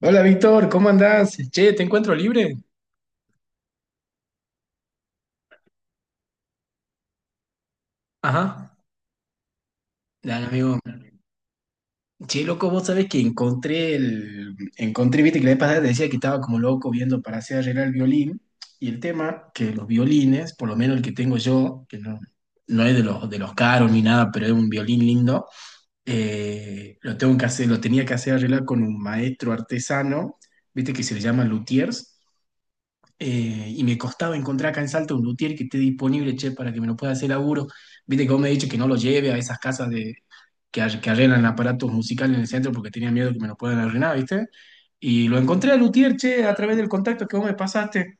Hola Víctor, ¿cómo andás? Che, te encuentro libre. Ajá. Dale, amigo. Che, loco, vos sabés que encontré el. encontré, viste que la vez pasada te decía que estaba como loco viendo para hacer arreglar el violín. Y el tema, que los violines, por lo menos el que tengo yo, que no es de los caros ni nada, pero es un violín lindo. Lo tenía que hacer arreglar con un maestro artesano, viste que se le llama luthiers. Y me costaba encontrar acá en Salta un luthier que esté disponible, che, para que me lo pueda hacer laburo. Viste que vos me has dicho que no lo lleve a esas casas que arreglan aparatos musicales en el centro porque tenía miedo que me lo puedan arruinar, ¿viste? Y lo encontré a luthier, che, a través del contacto que vos me pasaste.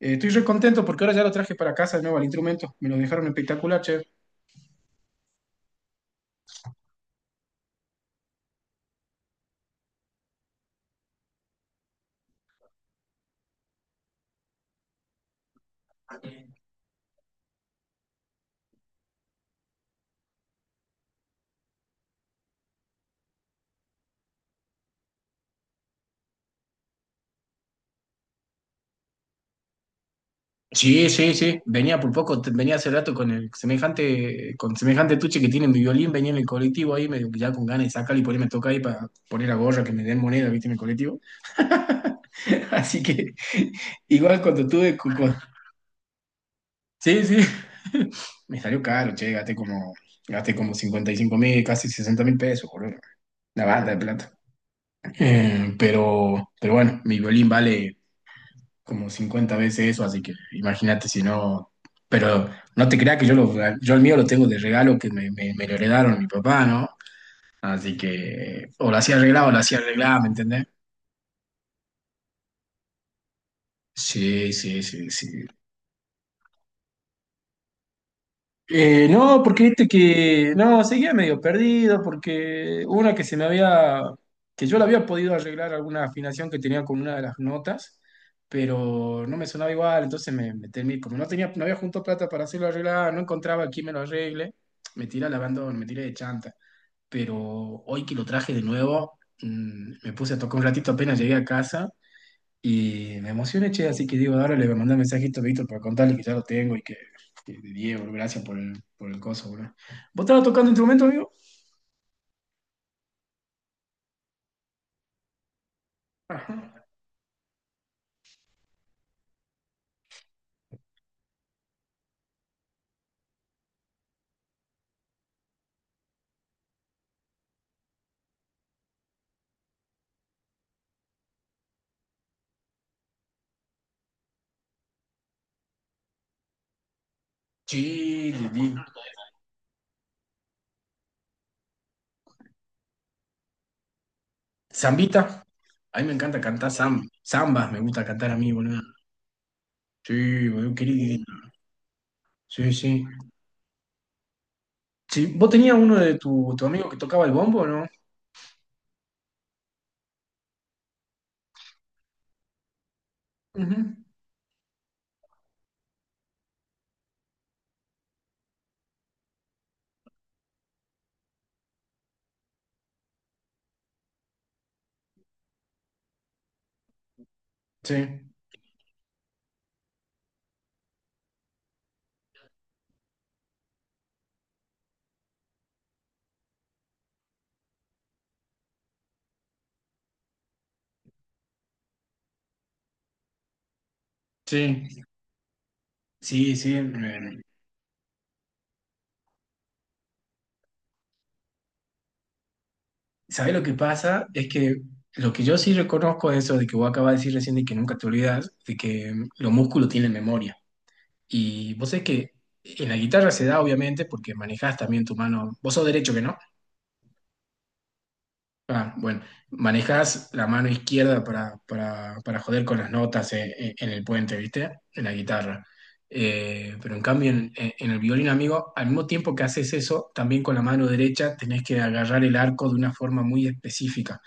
Estoy re contento porque ahora ya lo traje para casa de nuevo al instrumento. Me lo dejaron espectacular, che. Sí, sí, sí. Venía por poco, venía hace rato con semejante tuche que tiene mi violín, venía en el colectivo ahí, medio que ya con ganas de sacarlo y ponerme a tocar ahí para poner la gorra que me den moneda, viste, en el colectivo. Así que igual cuando tuve. Sí, sí. Me salió caro, che, gasté como 55.000, casi 60.000 pesos, boludo. La banda de plata. Pero bueno, mi violín vale como 50 veces eso, así que imagínate si no. Pero no te creas que yo el mío lo tengo de regalo que me lo heredaron mi papá, ¿no? Así que o lo hacía arreglado o lo hacía arreglado, ¿me entendés? Sí, sí, sí, sí. No, porque viste que, no, seguía medio perdido, porque una que yo la había podido arreglar alguna afinación que tenía con una de las notas, pero no me sonaba igual, entonces me temí, como no había junto plata para hacerlo arreglar, no encontraba quién me lo arregle, me tiré al abandono, me tiré de chanta, pero hoy que lo traje de nuevo, me puse a tocar un ratito apenas llegué a casa y me emocioné, che, así que digo, ahora le voy a mandar un mensajito a Víctor para contarle que ya lo tengo y que de Diego, gracias por el coso, boludo. ¿Vos estabas tocando instrumento, amigo? Ajá. Sí, sí, sí. Zambita. A mí me encanta cantar zambas, me gusta cantar a mí, boludo. Sí, boludo, qué lindo. Sí, sí. Sí, ¿vos tenías uno de tu amigo que tocaba el bombo, no? Ujú. Sí, sí, sí, sí. ¿Sabes lo que pasa? Es que lo que yo sí reconozco es eso de que vos acabas de decir recién de que nunca te olvidas, de que los músculos tienen memoria. Y vos sabés que en la guitarra se da, obviamente, porque manejás también tu mano. Vos sos derecho, que ¿no? Ah, bueno, manejás la mano izquierda para joder con las notas, en el puente, ¿viste? En la guitarra. Pero en cambio, en el violín, amigo, al mismo tiempo que haces eso, también con la mano derecha tenés que agarrar el arco de una forma muy específica,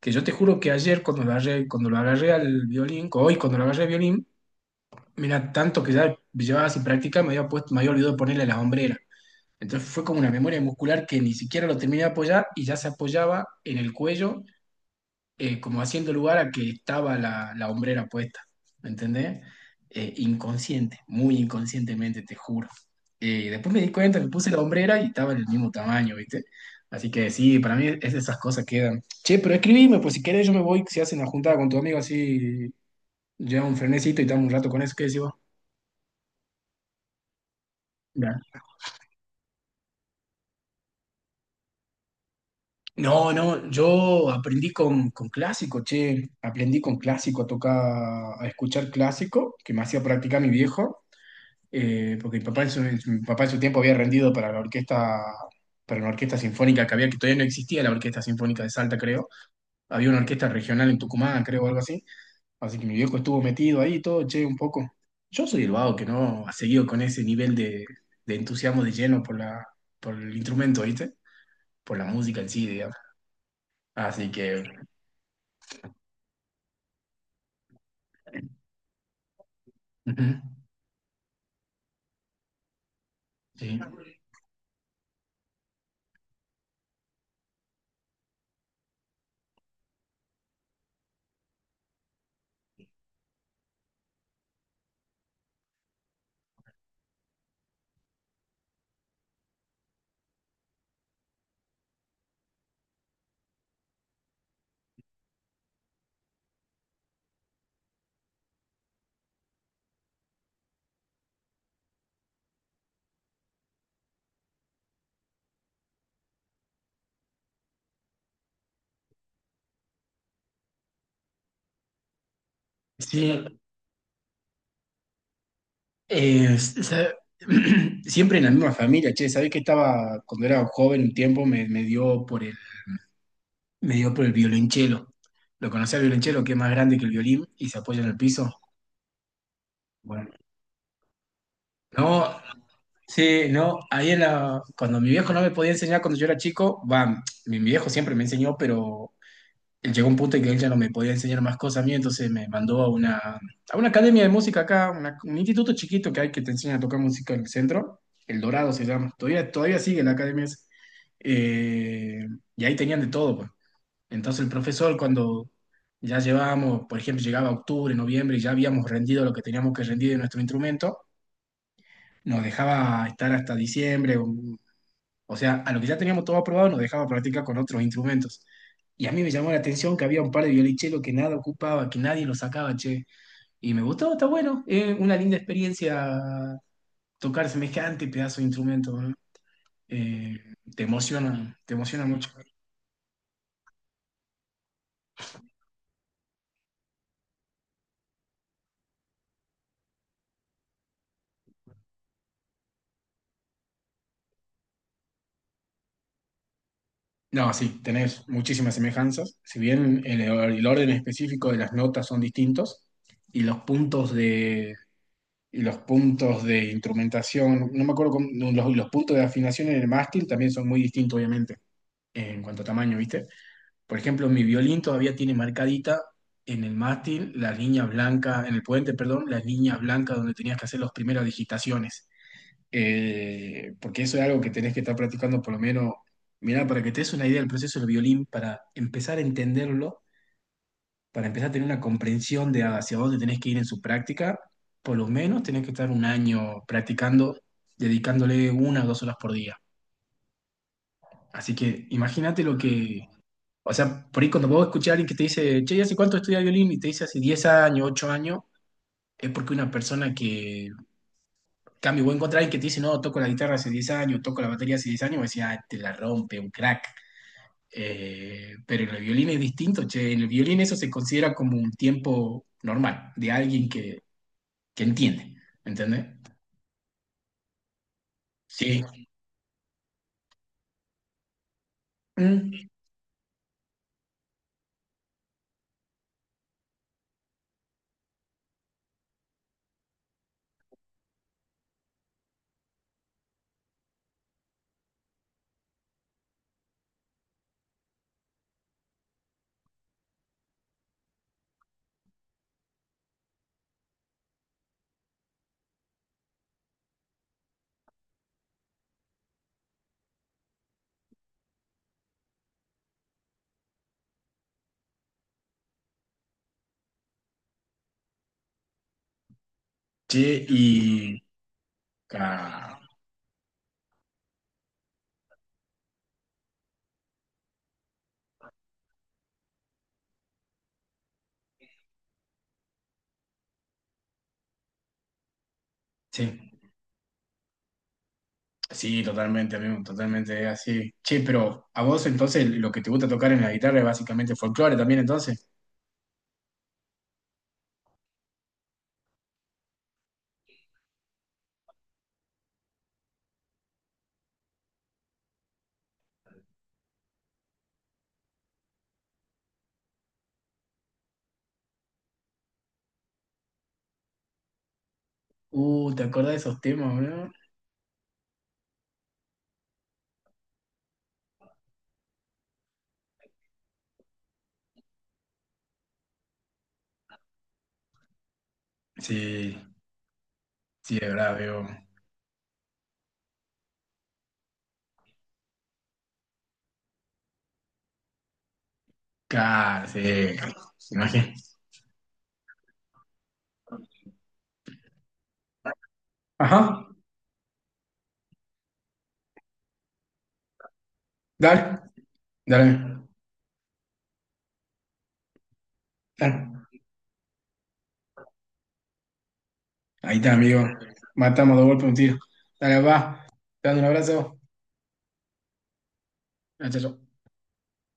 que yo te juro que ayer cuando lo agarré al violín, o hoy cuando lo agarré al violín, mira, tanto que ya llevaba sin práctica, me había olvidado ponerle las hombreras. Entonces fue como una memoria muscular que ni siquiera lo terminé de apoyar y ya se apoyaba en el cuello, como haciendo lugar a que estaba la hombrera puesta, ¿me entendés? Inconsciente, muy inconscientemente, te juro. Después me di cuenta, me puse la hombrera y estaba del mismo tamaño, ¿viste? Así que sí, para mí es de esas cosas que quedan. Che, pero escribime, pues si querés yo me voy, si hacen la juntada con tu amigo así, lleva un frenecito y estamos un rato con eso, ¿qué decís vos? Ya. No, no, yo aprendí con clásico, che, aprendí con clásico a tocar, a escuchar clásico, que me hacía practicar mi viejo. Porque mi papá en su tiempo había rendido para una orquesta sinfónica que había, que todavía no existía la Orquesta Sinfónica de Salta, creo. Había una orquesta regional en Tucumán, creo, o algo así. Así que mi viejo estuvo metido ahí y todo, che, un poco. Yo soy el vago que no ha seguido con ese nivel de entusiasmo de lleno por el instrumento, ¿viste? Por la música en sí, digamos. Así que... Ujú. Sí. Sí. Eh, s- sa- Siempre en la misma familia, che, ¿sabés que estaba, cuando era joven un tiempo, me dio por el violonchelo? ¿Lo conocés al violonchelo, que es más grande que el violín y se apoya en el piso? Bueno, no, sí, no, ahí cuando mi viejo no me podía enseñar cuando yo era chico, va, mi viejo siempre me enseñó, pero él llegó a un punto en que él ya no me podía enseñar más cosas a mí, entonces me mandó a una academia de música acá, un instituto chiquito que hay que te enseña a tocar música en el centro. El Dorado se llama, todavía sigue la academia esa. Eh, y ahí tenían de todo, pues. Entonces el profesor, cuando ya llevábamos, por ejemplo, llegaba octubre, noviembre y ya habíamos rendido lo que teníamos que rendir de nuestro instrumento, nos dejaba estar hasta diciembre, o sea, a lo que ya teníamos todo aprobado nos dejaba practicar con otros instrumentos. Y a mí me llamó la atención que había un par de violichelos que nada ocupaba, que nadie lo sacaba, che. Y me gustó, está bueno. Es una linda experiencia tocar semejante pedazo de instrumento, ¿no? Eh, Te emociona, te emociona mucho. No, sí, tenés muchísimas semejanzas. Si bien el orden específico de las notas son distintos y los puntos de instrumentación, no me acuerdo no, los puntos de afinación en el mástil también son muy distintos, obviamente, en cuanto a tamaño, ¿viste? Por ejemplo, mi violín todavía tiene marcadita en el mástil las líneas blancas, en el puente, perdón, las líneas blancas donde tenías que hacer las primeras digitaciones. Porque eso es algo que tenés que estar practicando por lo menos, mirá, para que te des una idea del proceso del violín, para empezar a entenderlo, para empezar a tener una comprensión de hacia dónde tenés que ir en su práctica, por lo menos tenés que estar un año practicando, dedicándole 1 o 2 horas por día. Así que imagínate lo que, o sea, por ahí cuando vos escuchás a alguien que te dice, che, y ¿hace cuánto estudia violín? Y te dice hace 10 años, 8 años. Es porque una persona que, cambio, voy a encontrar a alguien que te dice, no, toco la guitarra hace 10 años, toco la batería hace 10 años, y decía, ah, te la rompe, un crack. Pero en el violín es distinto, che, en el violín eso se considera como un tiempo normal, de alguien que entiende, ¿entiendes? Sí. Mm, sí, y ah, sí, sí, totalmente, amigo, totalmente así. Che, pero a vos entonces lo que te gusta tocar en la guitarra es básicamente folclore también entonces. ¿Te acordás de esos temas, bro? Sí, sí, de verdad, veo. Claro, sí, imagínate. Ajá, dale, dale, dale. Ahí está, amigo. Matamos dos golpes un tiro. Dale, va. Te mando un abrazo. Ah, chao, chao.